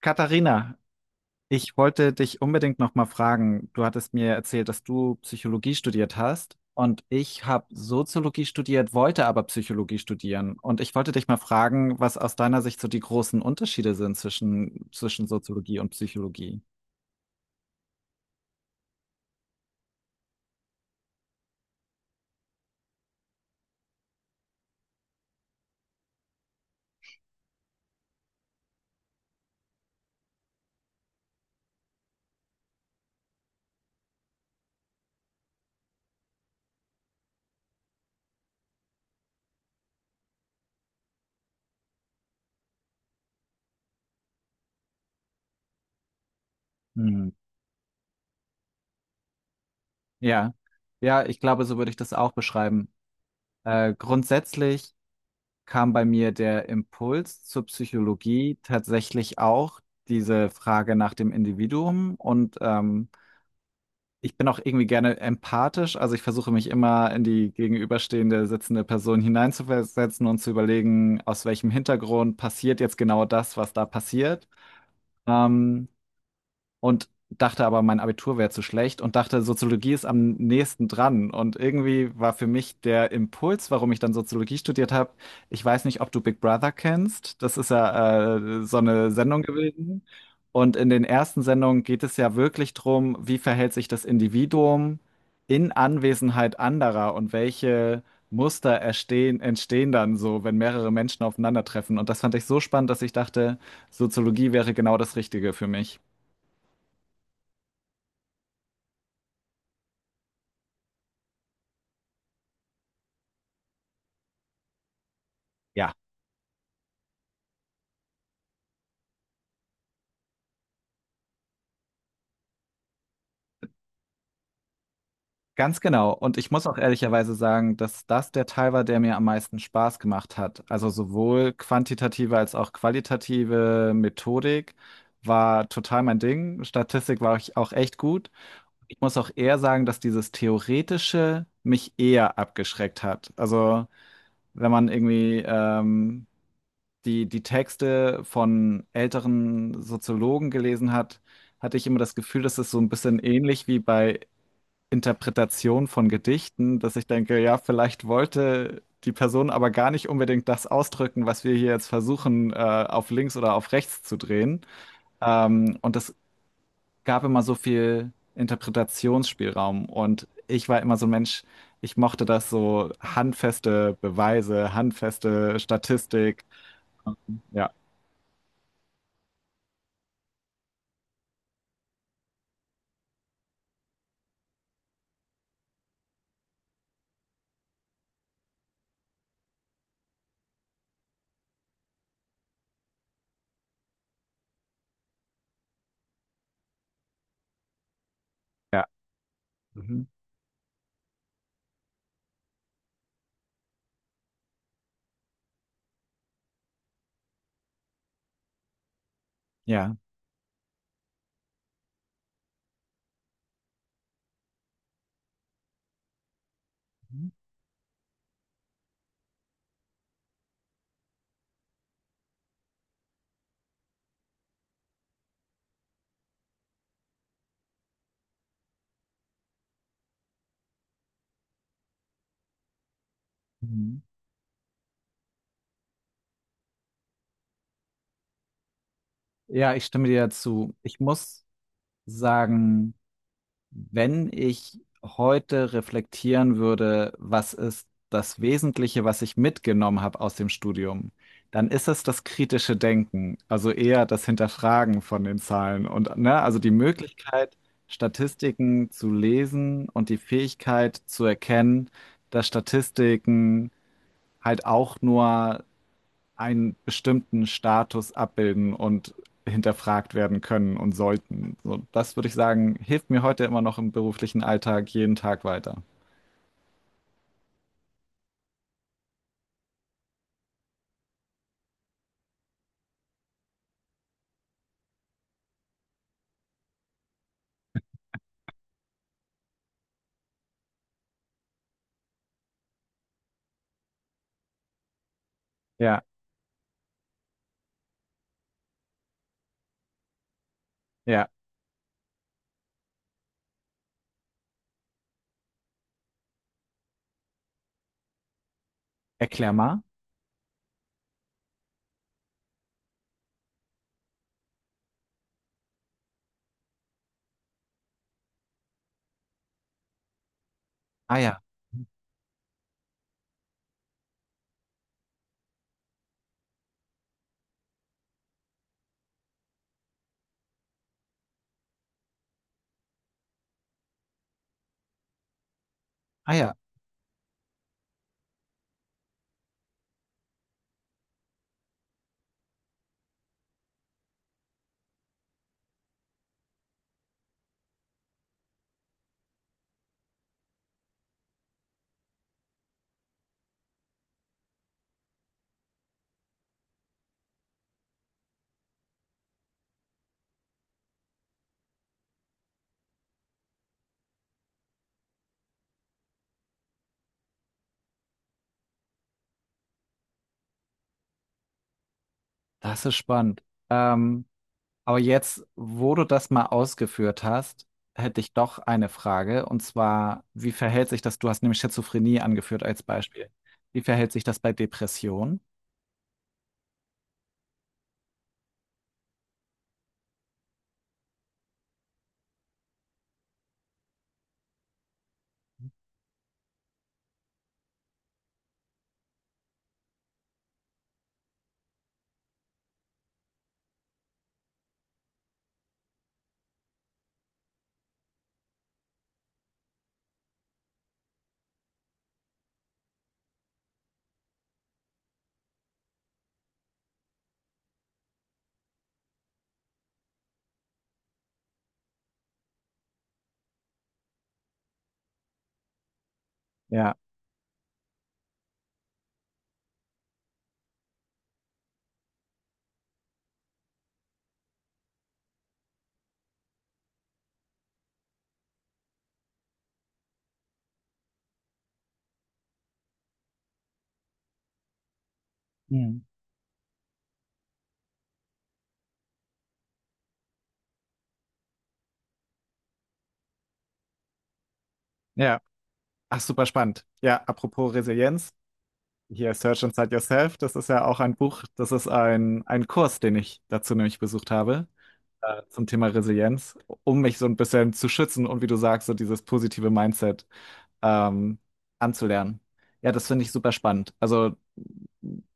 Katharina, ich wollte dich unbedingt noch mal fragen. Du hattest mir erzählt, dass du Psychologie studiert hast und ich habe Soziologie studiert, wollte aber Psychologie studieren. Und ich wollte dich mal fragen, was aus deiner Sicht so die großen Unterschiede sind zwischen Soziologie und Psychologie. Hm. Ja, ja, ich glaube, so würde ich das auch beschreiben. Grundsätzlich kam bei mir der Impuls zur Psychologie tatsächlich auch diese Frage nach dem Individuum, und ich bin auch irgendwie gerne empathisch. Also ich versuche mich immer in die gegenüberstehende sitzende Person hineinzuversetzen und zu überlegen, aus welchem Hintergrund passiert jetzt genau das, was da passiert. Ähm, und dachte aber, mein Abitur wäre zu schlecht, und dachte, Soziologie ist am nächsten dran. Und irgendwie war für mich der Impuls, warum ich dann Soziologie studiert habe, ich weiß nicht, ob du Big Brother kennst. Das ist ja so eine Sendung gewesen. Und in den ersten Sendungen geht es ja wirklich drum, wie verhält sich das Individuum in Anwesenheit anderer und welche Muster entstehen dann so, wenn mehrere Menschen aufeinandertreffen. Und das fand ich so spannend, dass ich dachte, Soziologie wäre genau das Richtige für mich. Ja. Ganz genau. Und ich muss auch ehrlicherweise sagen, dass das der Teil war, der mir am meisten Spaß gemacht hat. Also sowohl quantitative als auch qualitative Methodik war total mein Ding. Statistik war ich auch echt gut. Ich muss auch eher sagen, dass dieses Theoretische mich eher abgeschreckt hat. Also wenn man irgendwie die Texte von älteren Soziologen gelesen hat, hatte ich immer das Gefühl, dass es so ein bisschen ähnlich wie bei Interpretation von Gedichten, dass ich denke, ja, vielleicht wollte die Person aber gar nicht unbedingt das ausdrücken, was wir hier jetzt versuchen, auf links oder auf rechts zu drehen. Und es gab immer so viel Interpretationsspielraum. Und ich war immer so ein Mensch, ich mochte das so handfeste Beweise, handfeste Statistik. Ja, ja. Mhm. Ja. Mhm. Ja, ich stimme dir zu. Ich muss sagen, wenn ich heute reflektieren würde, was ist das Wesentliche, was ich mitgenommen habe aus dem Studium, dann ist es das kritische Denken, also eher das Hinterfragen von den Zahlen und ne, also die Möglichkeit, Statistiken zu lesen und die Fähigkeit zu erkennen, dass Statistiken halt auch nur einen bestimmten Status abbilden und hinterfragt werden können und sollten. So, das würde ich sagen, hilft mir heute immer noch im beruflichen Alltag jeden Tag weiter. Ja, ja. Erklär mal. Ah ja, ah ja, das ist spannend. Ähm, aber jetzt, wo du das mal ausgeführt hast, hätte ich doch eine Frage. Und zwar, wie verhält sich das? Du hast nämlich Schizophrenie angeführt als Beispiel. Wie verhält sich das bei Depression? Ja. Mhm. Ja. Ach, super spannend. Ja, apropos Resilienz. Hier Search Inside Yourself, das ist ja auch ein Buch, das ist ein Kurs, den ich dazu nämlich besucht habe, zum Thema Resilienz, um mich so ein bisschen zu schützen und wie du sagst, so dieses positive Mindset ähm, anzulernen. Ja, das finde ich super spannend. Also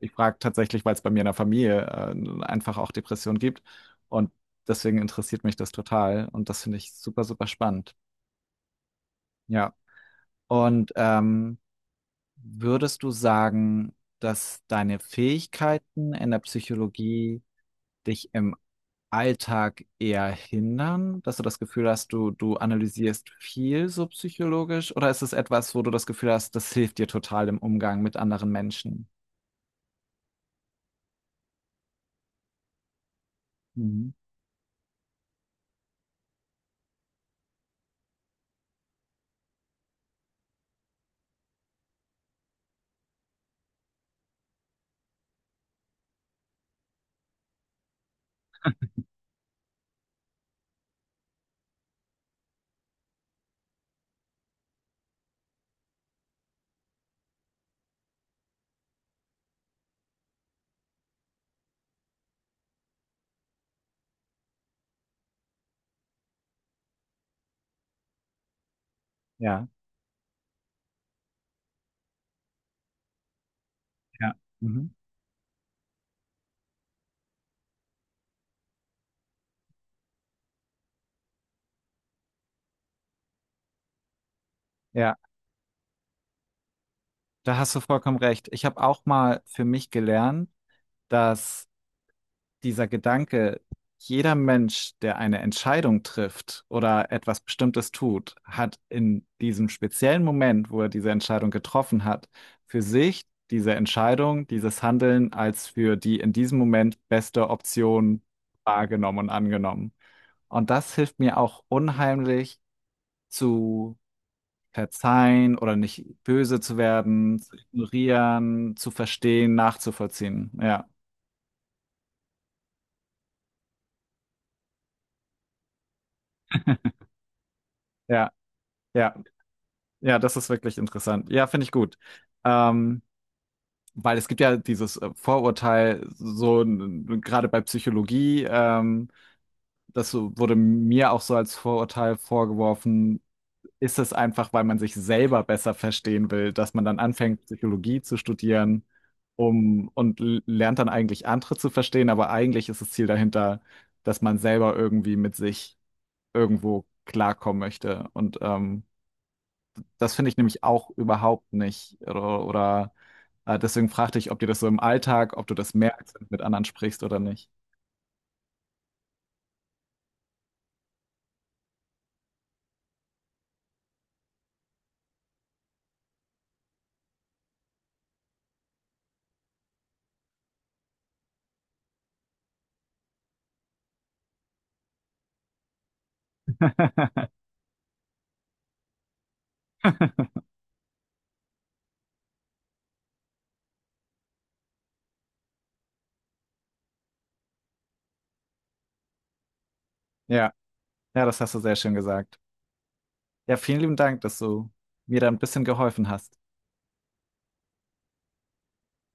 ich frage tatsächlich, weil es bei mir in der Familie einfach auch Depressionen gibt und deswegen interessiert mich das total und das finde ich super, super spannend. Ja, und würdest du sagen, dass deine Fähigkeiten in der Psychologie dich im Alltag eher hindern, dass du das Gefühl hast, du analysierst viel so psychologisch, oder ist es etwas, wo du das Gefühl hast, das hilft dir total im Umgang mit anderen Menschen? Mhm. Ja, ja, mhm. Ja, da hast du vollkommen recht. Ich habe auch mal für mich gelernt, dass dieser Gedanke, jeder Mensch, der eine Entscheidung trifft oder etwas Bestimmtes tut, hat in diesem speziellen Moment, wo er diese Entscheidung getroffen hat, für sich diese Entscheidung, dieses Handeln als für die in diesem Moment beste Option wahrgenommen und angenommen. Und das hilft mir auch unheimlich zu verzeihen oder nicht böse zu werden, zu ignorieren, zu verstehen, nachzuvollziehen. Ja, ja, ja. Ja, das ist wirklich interessant. Ja, finde ich gut. Ähm, Weil es gibt ja dieses Vorurteil, so gerade bei Psychologie, das wurde mir auch so als Vorurteil vorgeworfen, ist es einfach, weil man sich selber besser verstehen will, dass man dann anfängt, Psychologie zu studieren, um und lernt dann eigentlich andere zu verstehen, aber eigentlich ist das Ziel dahinter, dass man selber irgendwie mit sich irgendwo klarkommen möchte. Und das finde ich nämlich auch überhaupt nicht. Oder deswegen fragte ich, ob dir das so im Alltag, ob du das merkst, wenn du mit anderen sprichst oder nicht. Ja, ja, das hast du sehr schön gesagt. Ja, vielen lieben Dank, dass du mir da ein bisschen geholfen hast.